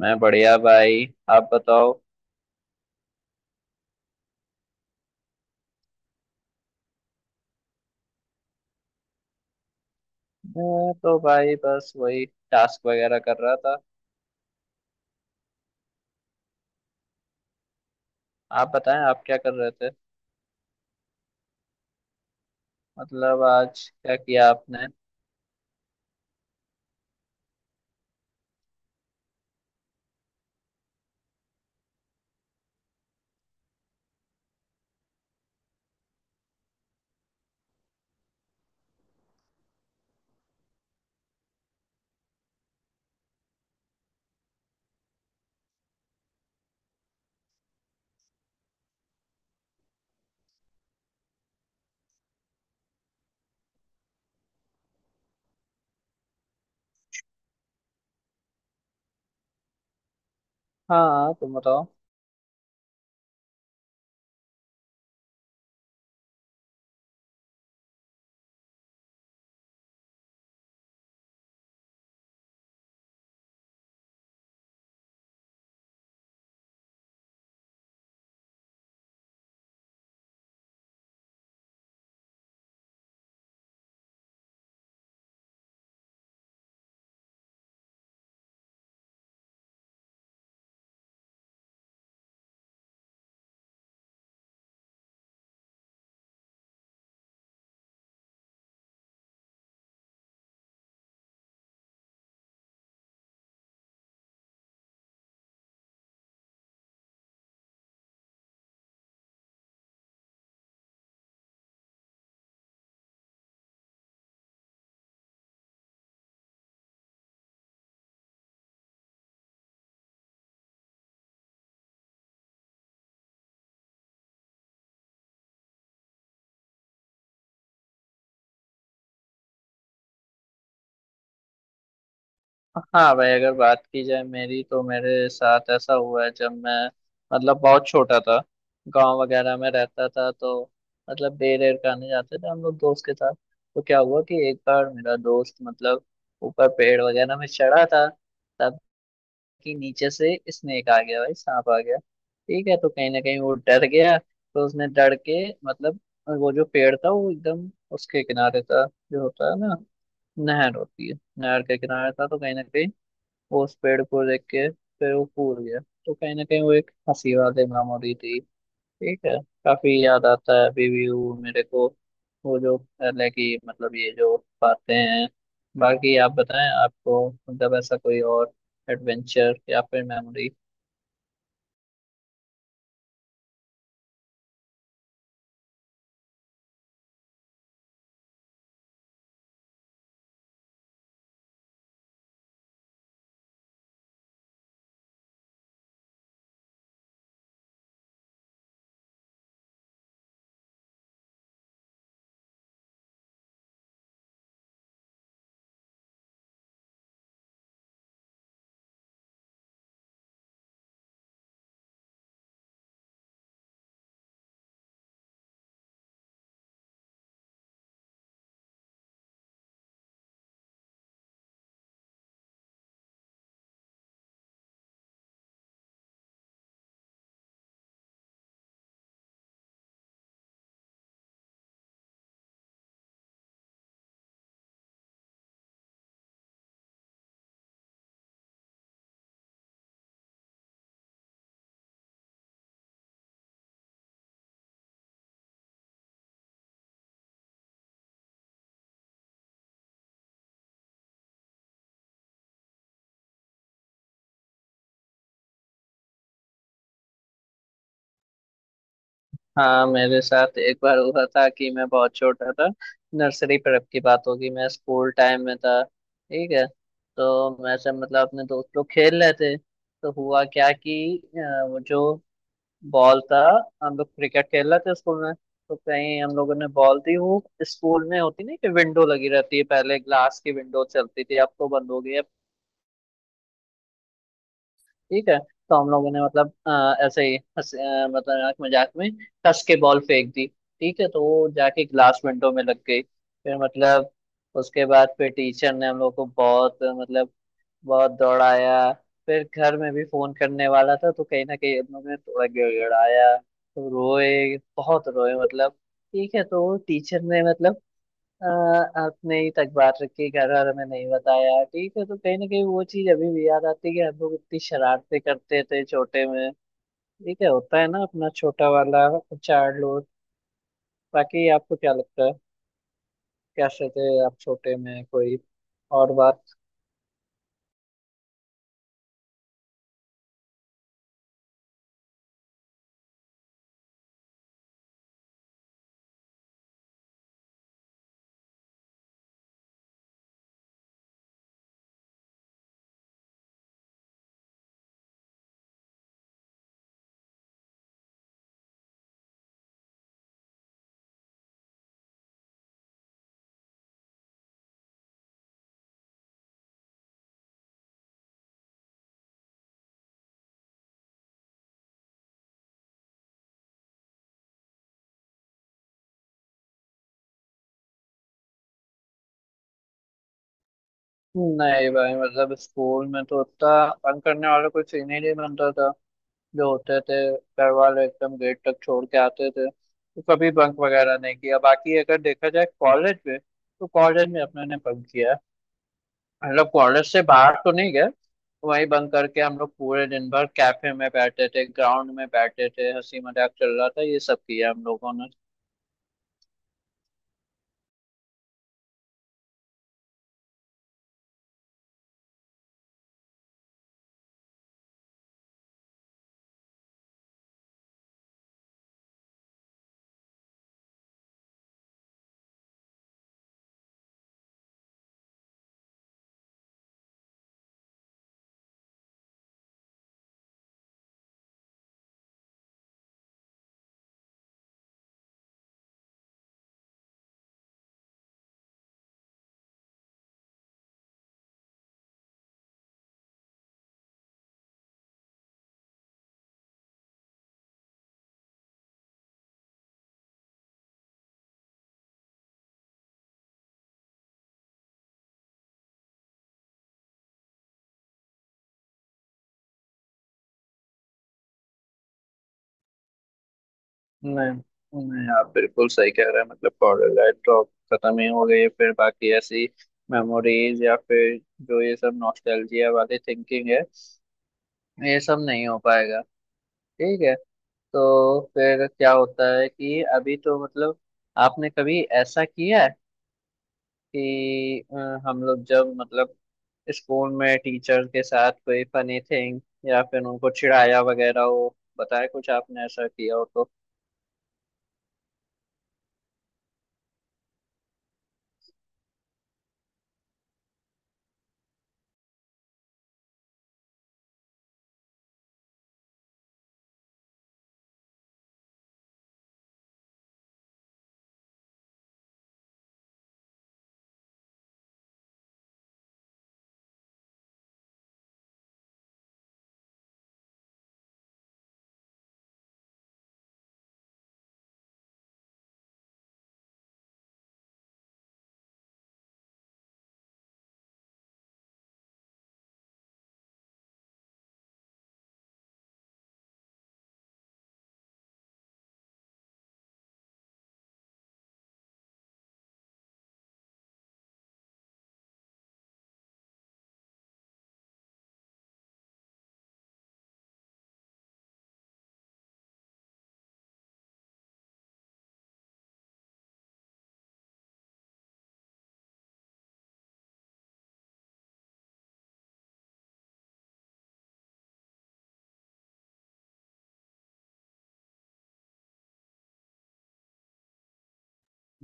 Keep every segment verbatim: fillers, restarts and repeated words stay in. मैं बढ़िया भाई। आप बताओ। मैं तो भाई बस वही टास्क वगैरह कर रहा था। आप बताएं आप क्या कर रहे थे, मतलब आज क्या किया आपने। हाँ, तुम बताओ। हाँ भाई, अगर बात की जाए मेरी तो मेरे साथ ऐसा हुआ है जब मैं मतलब बहुत छोटा था, गांव वगैरह में रहता था। तो मतलब बेर एर खाने जाते थे हम लोग दोस्त के साथ। तो क्या हुआ कि एक बार मेरा दोस्त मतलब ऊपर पेड़ वगैरह में चढ़ा था, तब कि नीचे से स्नेक आ गया, भाई सांप आ गया। ठीक है, तो कहीं ना कहीं वो डर गया, तो उसने डर के मतलब वो जो पेड़ था वो एकदम उसके किनारे था, जो होता है ना, नहर होती है, नहर के किनारे था। तो कहीं ना कहीं वो उस पेड़ को देख के फिर वो कूद गया। तो कहीं ना कहीं वो एक हंसी वाली मेमोरी थी। ठीक है, काफी याद आता है अभी भी वो मेरे को, वो जो पहले की मतलब ये जो बातें हैं। बाकी आप बताएं, आपको मतलब ऐसा कोई और एडवेंचर या फिर मेमोरी। हाँ, मेरे साथ एक बार हुआ था कि मैं बहुत छोटा था, नर्सरी प्रेप की बात होगी, मैं स्कूल टाइम में था। ठीक है, तो मैं सब मतलब अपने दोस्त लोग खेल रहे थे। तो हुआ क्या कि अ, वो जो बॉल था, हम लोग क्रिकेट खेल रहे थे स्कूल में। तो कहीं हम लोगों ने बॉल दी, वो स्कूल में होती नहीं कि विंडो लगी रहती है, पहले ग्लास की विंडो चलती थी अब तो बंद हो गई है। ठीक है, तो हम लोगों ने मतलब अ, ऐसे ही हंस अ, मतलब मजाक मजाक में कस के बॉल फेंक दी। ठीक है, तो वो जाके ग्लास विंडो में लग गई। फिर मतलब उसके बाद फिर टीचर ने हम लोग को बहुत मतलब बहुत दौड़ाया। फिर घर में भी फोन करने वाला था, तो कहीं ना कहीं हम लोग ने थोड़ा गिड़गिड़ाया, तो रोए बहुत रोए मतलब। ठीक है, तो टीचर ने मतलब अ, अपने ही तक बात रखी, घर वालों में नहीं बताया। ठीक है, तो कहीं ना कहीं वो चीज अभी भी याद आती है कि हम लोग इतनी शरारतें करते थे छोटे में। ठीक है, होता है ना अपना छोटा वाला चाइल्डहुड। बाकी आपको क्या लगता है, कैसे थे आप छोटे में, कोई और बात। नहीं भाई, मतलब स्कूल में तो उतना तंग करने वाला कोई सीन ही नहीं बनता था। जो होते थे घर वाले एकदम गेट तक छोड़ के आते थे, तो कभी बंक वगैरह नहीं किया। बाकी अगर देखा जाए कॉलेज में, तो कॉलेज में अपने ने बंक किया है। मतलब कॉलेज से बाहर तो नहीं गए, वही बंक करके हम लोग पूरे दिन भर कैफे में बैठे थे, ग्राउंड में बैठे थे, हंसी मजाक चल रहा था, ये सब किया हम लोगों। नहीं, नहीं, आप बिल्कुल सही कह रहे हैं। मतलब पाउडर लाइट ड्रॉप खत्म ही हो गई है। फिर बाकी ऐसी मेमोरीज या फिर जो ये सब नॉस्टैल्जिया वाली थिंकिंग है, ये सब नहीं हो पाएगा। ठीक है, तो फिर क्या होता है कि अभी तो मतलब, आपने कभी ऐसा किया है कि अ, हम लोग जब मतलब स्कूल में टीचर के साथ कोई फनी थिंग या फिर उनको चिढ़ाया वगैरह हो, बताया कुछ आपने ऐसा किया हो तो।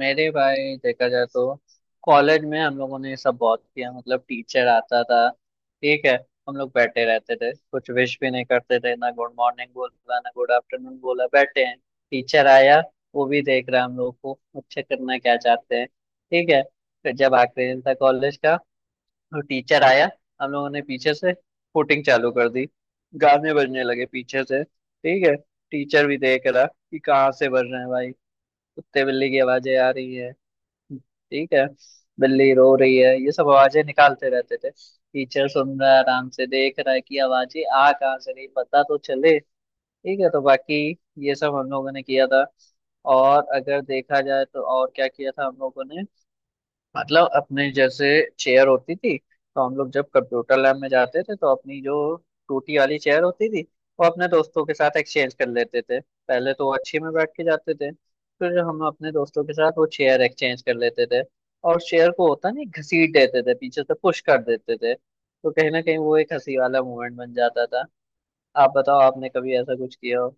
मेरे भाई देखा जाए तो कॉलेज में हम लोगों ने ये सब बहुत किया। मतलब टीचर आता था, ठीक है, हम लोग बैठे रहते थे, कुछ विश भी नहीं करते थे, ना गुड मॉर्निंग बोला ना गुड आफ्टरनून बोला, बैठे हैं। टीचर आया, वो भी देख रहा है हम लोग को, अच्छा करना क्या चाहते हैं। ठीक है, फिर जब आखिरी दिन था कॉलेज का, तो टीचर आया, हम लोगों ने पीछे से फुटिंग चालू कर दी, गाने बजने लगे पीछे से। ठीक है, टीचर भी देख रहा कि कहाँ से बज रहे हैं भाई, कुत्ते बिल्ली की आवाजें आ रही है। ठीक है, बिल्ली रो रही है, ये सब आवाजें निकालते रहते थे, टीचर सुन रहा है, आराम से देख रहा है कि आवाजें आ कहाँ से रही, पता तो चले। ठीक है, तो बाकी ये सब हम लोगों ने किया था। और अगर देखा जाए तो और क्या किया था हम लोगों ने, मतलब अपने जैसे चेयर होती थी, तो हम लोग जब कंप्यूटर लैब में जाते थे तो अपनी जो टूटी वाली चेयर होती थी, वो अपने दोस्तों के साथ एक्सचेंज कर लेते थे। पहले तो वो अच्छी में बैठ के जाते थे, फिर हम अपने दोस्तों के साथ वो चेयर एक्सचेंज कर लेते थे और चेयर को होता नहीं घसीट देते थे, पीछे से पुश कर देते थे, तो कहीं ना कहीं वो एक हंसी वाला मोमेंट बन जाता था। आप बताओ आपने कभी ऐसा कुछ किया हो।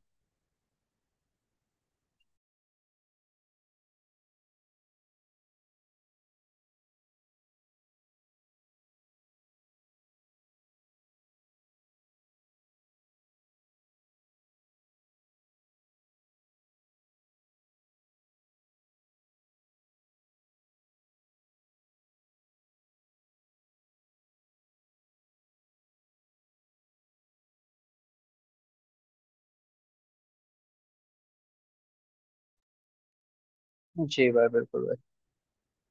जी भाई, बिल्कुल भाई।